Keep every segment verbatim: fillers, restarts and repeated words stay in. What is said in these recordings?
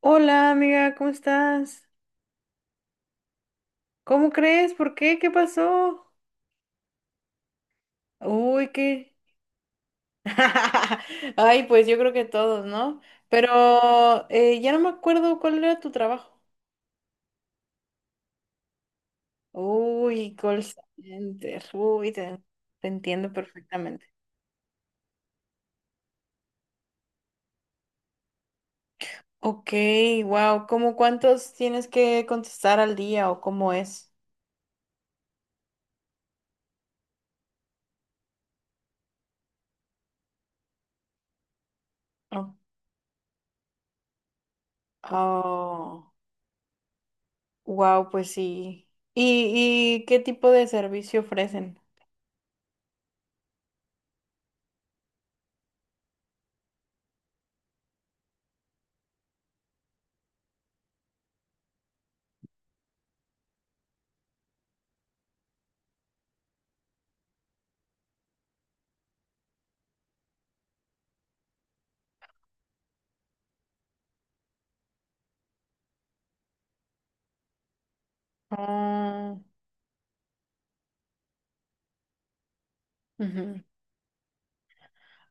Hola amiga, ¿cómo estás? ¿Cómo crees? ¿Por qué? ¿Qué pasó? Uy, qué. Ay, pues yo creo que todos, ¿no? Pero eh, ya no me acuerdo cuál era tu trabajo. Uy, call center. Uy, te, te entiendo perfectamente. Ok, wow. ¿Cómo cuántos tienes que contestar al día o cómo es? Oh, wow, pues sí. ¿Y, y qué tipo de servicio ofrecen? Ah, ujú.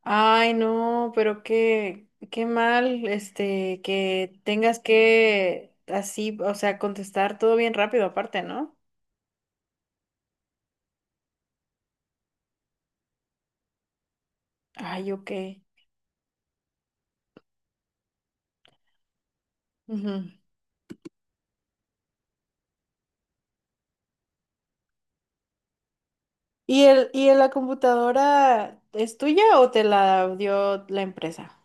Ay, no, pero qué, qué mal, este, que tengas que así, o sea, contestar todo bien rápido aparte, ¿no? Ay, ok. Ujú. ¿Y el, y la computadora es tuya o te la dio la empresa?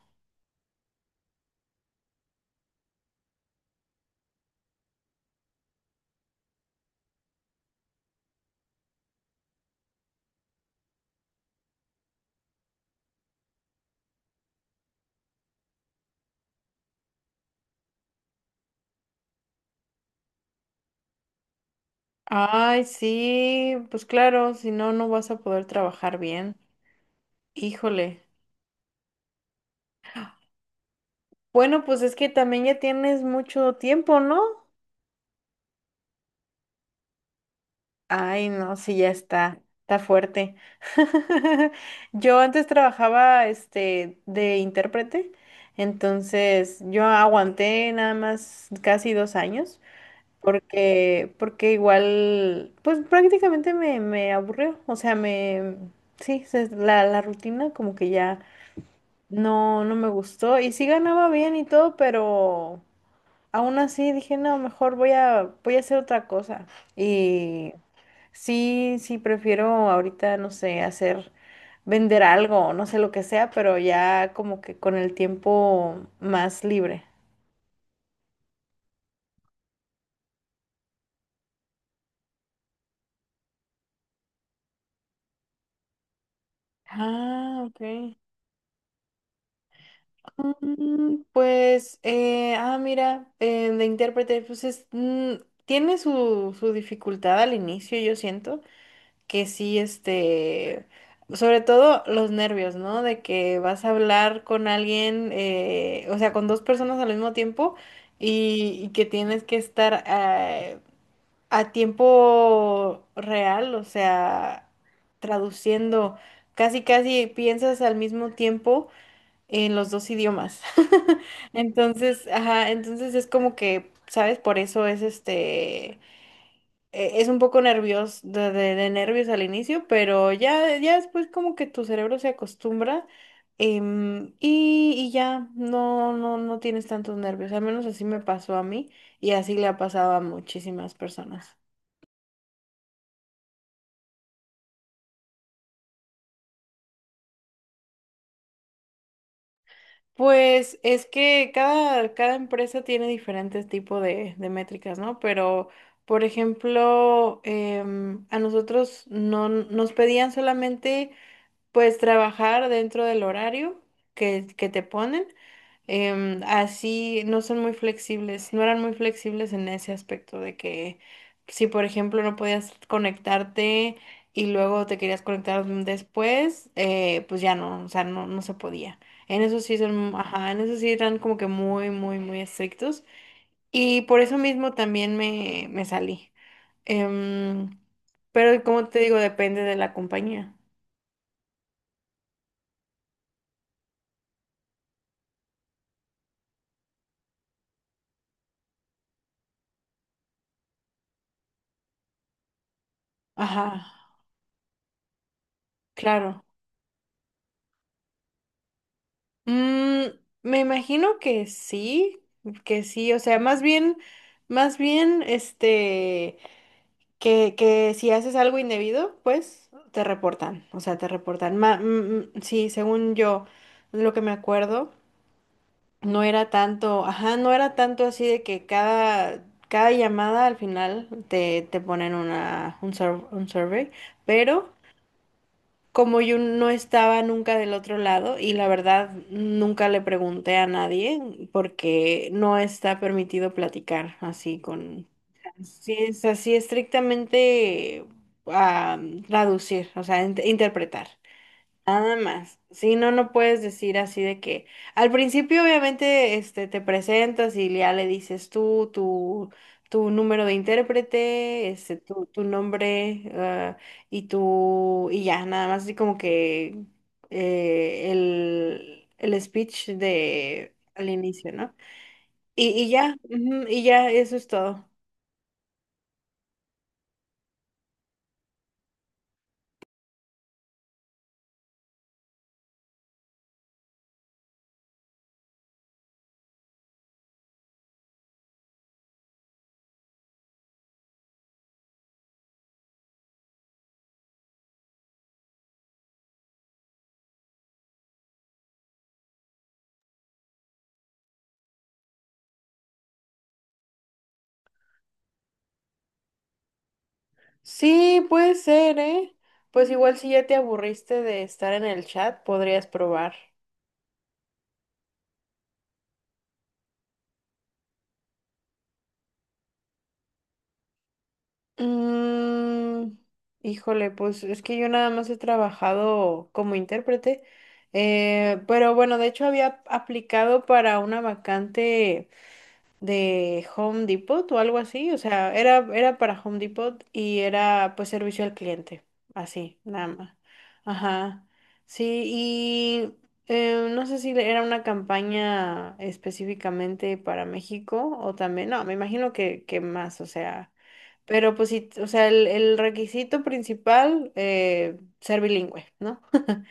Ay, sí, pues claro, si no, no vas a poder trabajar bien. Híjole. Bueno, pues es que también ya tienes mucho tiempo, ¿no? Ay, no, sí, ya está, está fuerte. Yo antes trabajaba, este, de intérprete, entonces yo aguanté nada más casi dos años, porque, porque igual, pues prácticamente me, me aburrió, o sea, me, sí, se- la, la rutina como que ya no, no me gustó, y sí ganaba bien y todo, pero aún así dije, no, mejor voy a, voy a hacer otra cosa. Y sí, sí, prefiero ahorita, no sé, hacer, vender algo, no sé lo que sea, pero ya como que con el tiempo más libre. Ah, ok. Mm, Pues, eh, ah, mira, eh, de intérprete, pues es, mm, tiene su, su dificultad al inicio, yo siento, que sí, este, sobre todo los nervios, ¿no? De que vas a hablar con alguien, eh, o sea, con dos personas al mismo tiempo y, y que tienes que estar eh, a tiempo real, o sea, traduciendo, casi, casi piensas al mismo tiempo en los dos idiomas. Entonces, ajá, entonces es como que, ¿sabes? Por eso es este e- es un poco nervioso, de, de- de nervios al inicio, pero ya, ya después como que tu cerebro se acostumbra, em, y, y ya no, no, no tienes tantos nervios. Al menos así me pasó a mí y así le ha pasado a muchísimas personas. Pues es que cada, cada empresa tiene diferentes tipos de, de métricas, ¿no? Pero, por ejemplo, em, a nosotros no nos pedían solamente pues trabajar dentro del horario que, que te ponen. em, así no son muy flexibles, no eran muy flexibles en ese aspecto de que si por ejemplo no podías conectarte y luego te querías conectar después, eh, pues ya no, o sea, no, no se podía. En eso sí son, ajá, en eso sí eran como que muy, muy, muy estrictos. Y por eso mismo también me, me salí. Em, pero como te digo, depende de la compañía. Ajá, claro. Mm, me imagino que sí, que sí, o sea, más bien, más bien, este, que, que si haces algo indebido, pues te reportan, o sea, te reportan. Ma- mm, mm, sí, según yo, lo que me acuerdo, no era tanto, ajá, no era tanto así de que cada, cada llamada al final te, te ponen una, un, sur- un survey, pero como yo no estaba nunca del otro lado y la verdad nunca le pregunté a nadie porque no está permitido platicar así con... Sí, es así estrictamente a traducir, o sea, int- interpretar. Nada más. Sí, no, no puedes decir así de que al principio obviamente este, te presentas y ya le dices tú, tu, tu número de intérprete, este, tu, tu nombre, ah, y tu, y ya, nada más así como que eh, el, el speech de al inicio, ¿no? Y, y ya, ujú, y ya, eso es todo. Sí, puede ser, ¿eh? Pues igual si ya te aburriste de estar en el chat, podrías probar. Mm, híjole, pues es que yo nada más he trabajado como intérprete, eh, pero bueno, de hecho había aplicado para una vacante de Home Depot o algo así, o sea, era, era para Home Depot y era pues servicio al cliente, así, nada más. Ajá, sí, y eh, no sé si era una campaña específicamente para México o también, no, me imagino que, que más, o sea, pero pues sí, o sea, el, el requisito principal, eh, ser bilingüe, ¿no?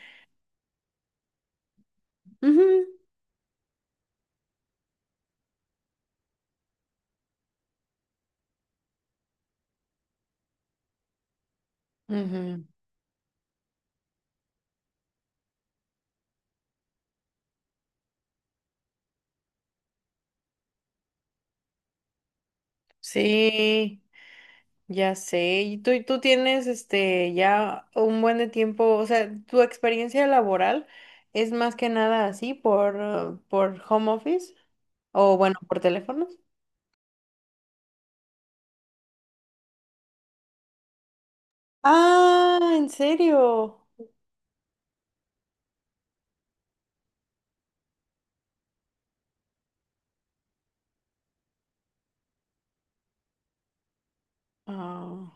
Ujú, ujú, sí. Ya sé, y tú, tú tienes este ya un buen de tiempo, o sea, tu experiencia laboral es más que nada así por, uh, por home office o bueno, por teléfonos. Ah, ¿en serio? Ah,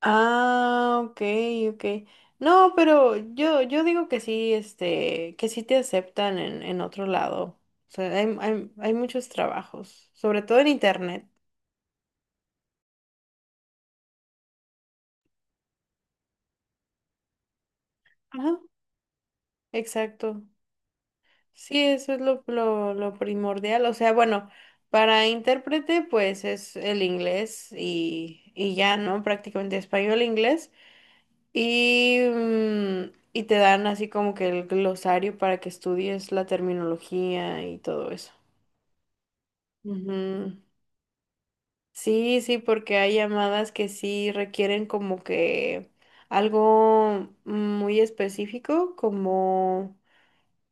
ah, ok, ok. No, pero yo, yo digo que sí, este, que sí te aceptan en, en otro lado. O sea, hay, hay, hay muchos trabajos, sobre todo en internet. Ajá, exacto. Sí, eso es lo, lo, lo primordial. O sea, bueno, para intérprete, pues es el inglés y, y ya, ¿no? Prácticamente español, inglés. Y, mm, y te dan así como que el glosario para que estudies la terminología y todo eso. Ujú. Sí, sí, porque hay llamadas que sí requieren como que algo muy específico, como...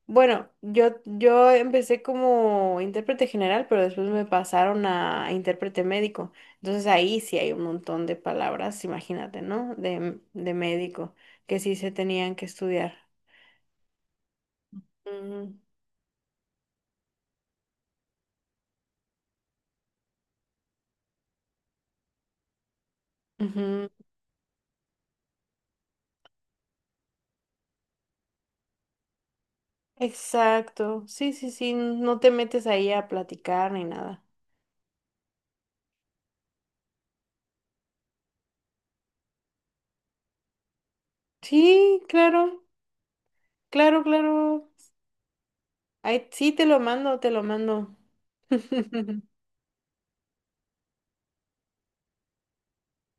Bueno, yo, yo empecé como intérprete general, pero después me pasaron a intérprete médico. Entonces ahí sí hay un montón de palabras, imagínate, ¿no? De, de médico, que sí se tenían que estudiar. Mm, ujú. Exacto. Sí, sí, sí. No te metes ahí a platicar ni nada. Sí, claro, claro, claro. Ahí sí te lo mando, te lo mando.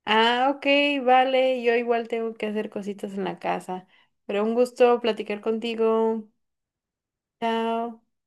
Ah, ok, vale, yo igual tengo que hacer cositas en la casa, pero un gusto platicar contigo. Chao.